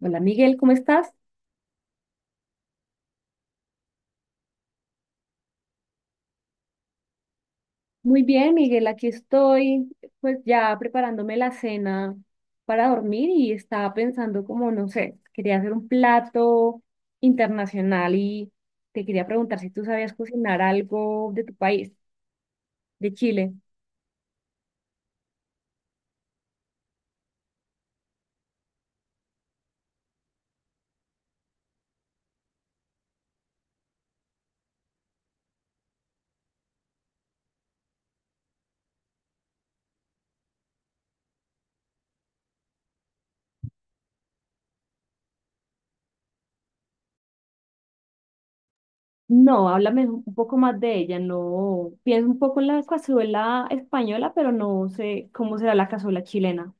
Hola Miguel, ¿cómo estás? Muy bien, Miguel, aquí estoy, pues ya preparándome la cena para dormir y estaba pensando como, no sé, quería hacer un plato internacional y te quería preguntar si tú sabías cocinar algo de tu país, de Chile. No, háblame un poco más de ella, no, pienso un poco en la cazuela española, pero no sé cómo será la cazuela chilena.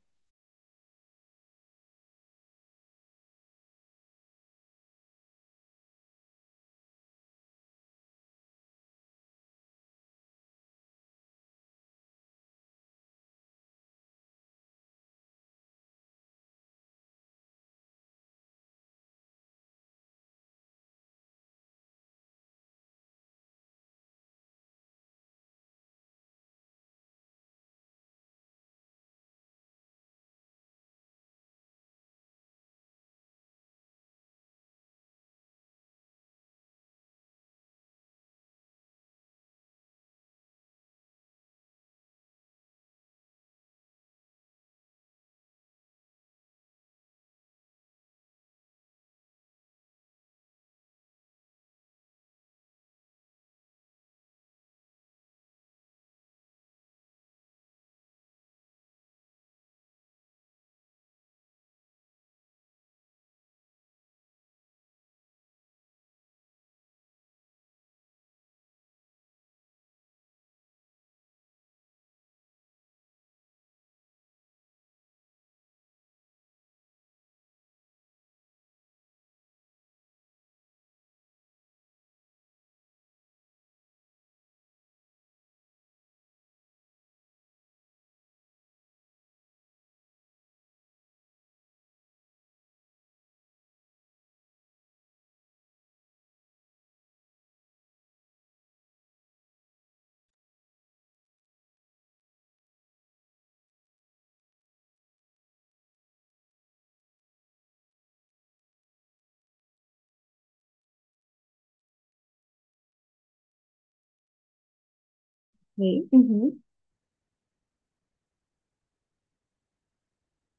Sí. Ujú.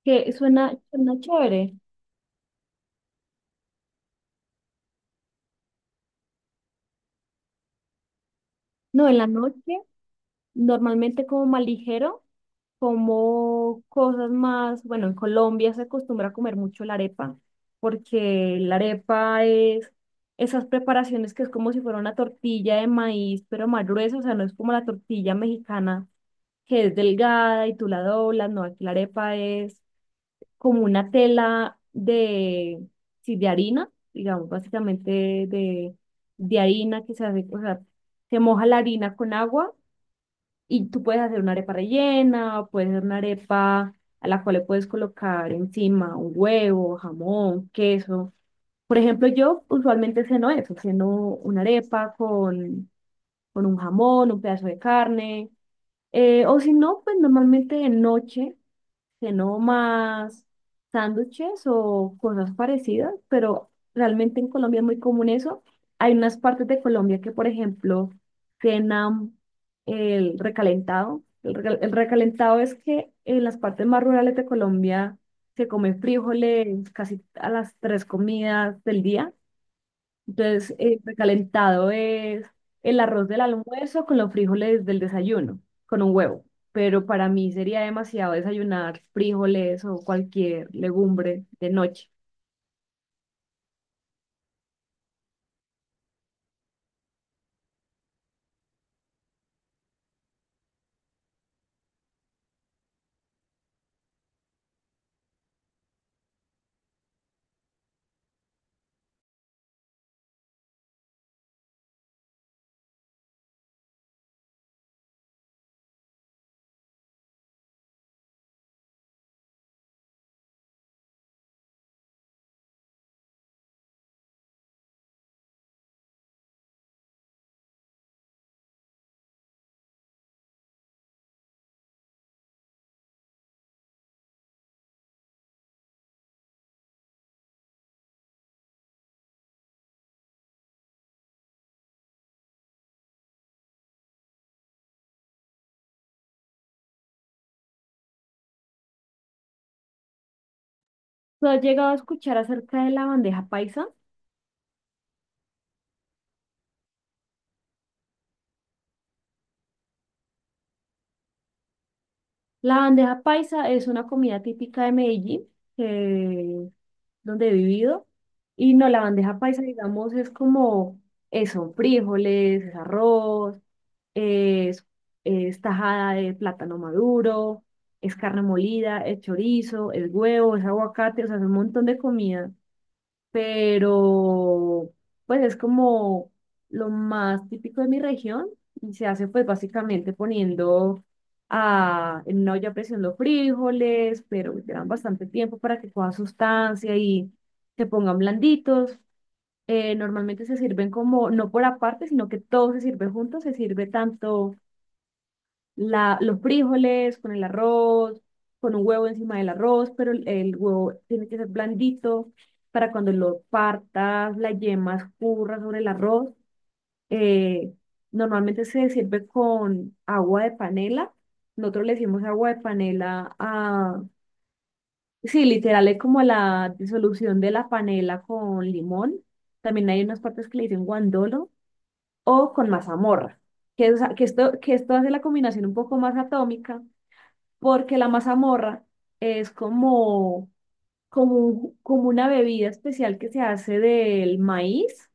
Que suena, suena chévere. No, en la noche. Normalmente como más ligero, como cosas más, bueno, en Colombia se acostumbra a comer mucho la arepa, porque la arepa es esas preparaciones que es como si fuera una tortilla de maíz, pero más gruesa, o sea, no es como la tortilla mexicana que es delgada y tú la doblas, no, aquí la arepa es como una tela de, sí, de harina, digamos, básicamente de, harina que se hace, o sea, se moja la harina con agua y tú puedes hacer una arepa rellena, puedes hacer una arepa a la cual le puedes colocar encima un huevo, jamón, queso. Por ejemplo, yo usualmente ceno eso, ceno una arepa con, un jamón, un pedazo de carne, o si no, pues normalmente de noche que no más sándwiches o cosas parecidas, pero realmente en Colombia es muy común eso. Hay unas partes de Colombia que, por ejemplo, cenan el recalentado. El recalentado es que en las partes más rurales de Colombia se come frijoles casi a las 3 comidas del día. Entonces, el recalentado es el arroz del almuerzo con los frijoles del desayuno, con un huevo. Pero para mí sería demasiado desayunar frijoles o cualquier legumbre de noche. ¿Tú has llegado a escuchar acerca de la bandeja paisa? La bandeja paisa es una comida típica de Medellín, que es donde he vivido. Y no, la bandeja paisa, digamos, es como eso, frijoles, es arroz. es, es tajada de plátano maduro, es carne molida, es chorizo, es huevo, es aguacate, o sea, es un montón de comida, pero pues es como lo más típico de mi región y se hace pues básicamente poniendo en una olla a presión los frijoles, pero llevan bastante tiempo para que coja sustancia y se pongan blanditos. Normalmente se sirven como, no por aparte, sino que todo se sirve junto, se sirve tanto la, los frijoles con el arroz, con un huevo encima del arroz, pero el huevo tiene que ser blandito para cuando lo partas, la yema escurra sobre el arroz. Eh, Normalmente se sirve con agua de panela. Nosotros le decimos agua de panela a... Sí, literal es como la disolución de la panela con limón. También hay unas partes que le dicen guandolo o con mazamorra, que esto hace la combinación un poco más atómica porque la mazamorra es como una bebida especial que se hace del maíz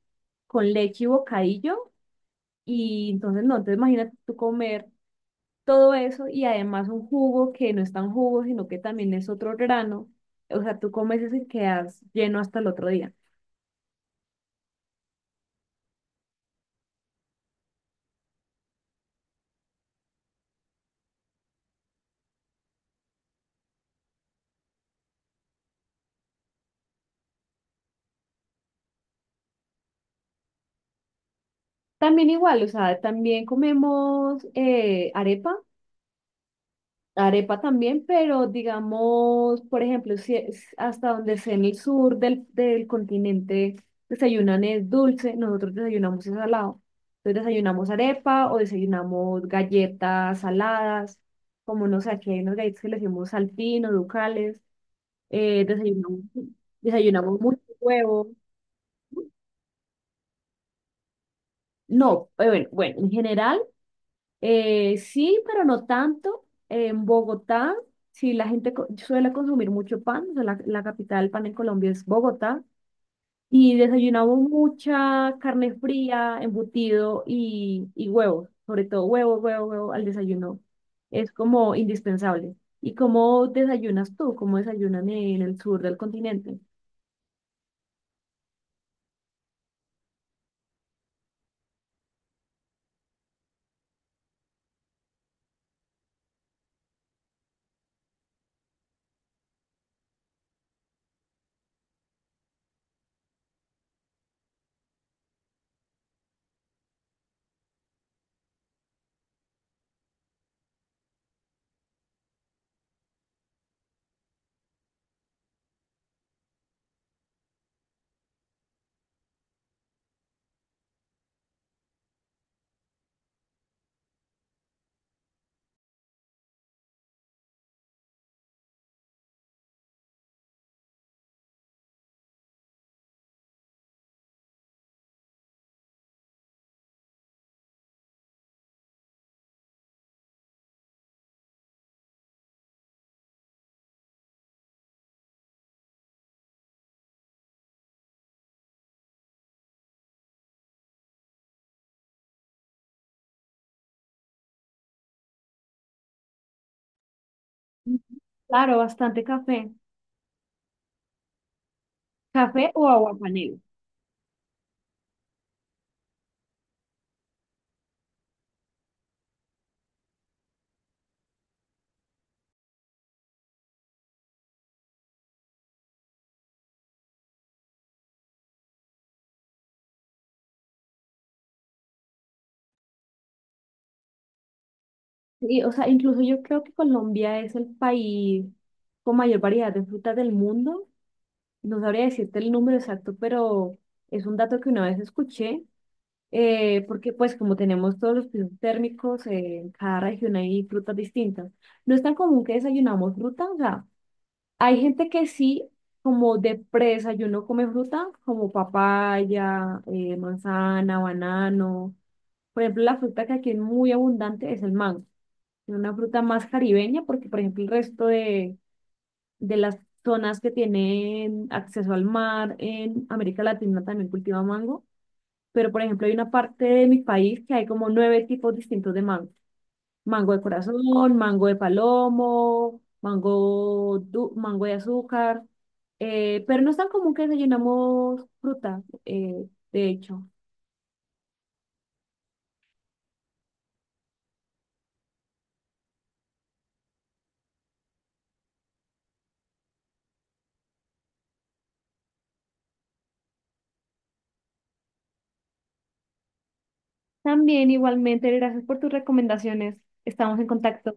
con leche y bocadillo. Y entonces, no, entonces imagínate tú comer todo eso y además un jugo que no es tan jugo, sino que también es otro grano. O sea, tú comes eso y quedas lleno hasta el otro día. También igual, o sea, también comemos arepa. Arepa también, pero digamos, por ejemplo, si es hasta donde sea en el sur del continente desayunan es dulce, nosotros desayunamos es salado. Entonces desayunamos arepa o desayunamos galletas saladas, como no sé, aquí hay unas galletas que le decimos saltín o ducales, eh, desayunamos, desayunamos mucho huevo. No, bueno, bueno, en general. Sí, pero no tanto. En Bogotá, sí, la gente suele consumir mucho pan. O sea, la capital del pan en Colombia es Bogotá. Y desayunamos mucha carne fría, embutido y huevos. Sobre todo huevo, huevo, huevo al desayuno. Es como indispensable. ¿Y cómo desayunas tú? ¿Cómo desayunan en el sur del continente? Claro, bastante café. ¿Café o agua? Sí, o sea, incluso yo creo que Colombia es el país con mayor variedad de frutas del mundo. No sabría decirte el número exacto, pero es un dato que una vez escuché, porque pues como tenemos todos los pisos térmicos, en cada región hay frutas distintas. No es tan común que desayunamos fruta, o sea, hay gente que sí, como de pre-desayuno come fruta, como papaya, manzana, banano. Por ejemplo, la fruta que aquí es muy abundante es el mango. Una fruta más caribeña, porque por ejemplo el resto de, las zonas que tienen acceso al mar en América Latina también cultiva mango, pero por ejemplo hay una parte de mi país que hay como 9 tipos distintos de mango. Mango de corazón, mango de palomo, mango de azúcar, pero no es tan común que desayunamos fruta, de hecho. También igualmente, gracias por tus recomendaciones. Estamos en contacto.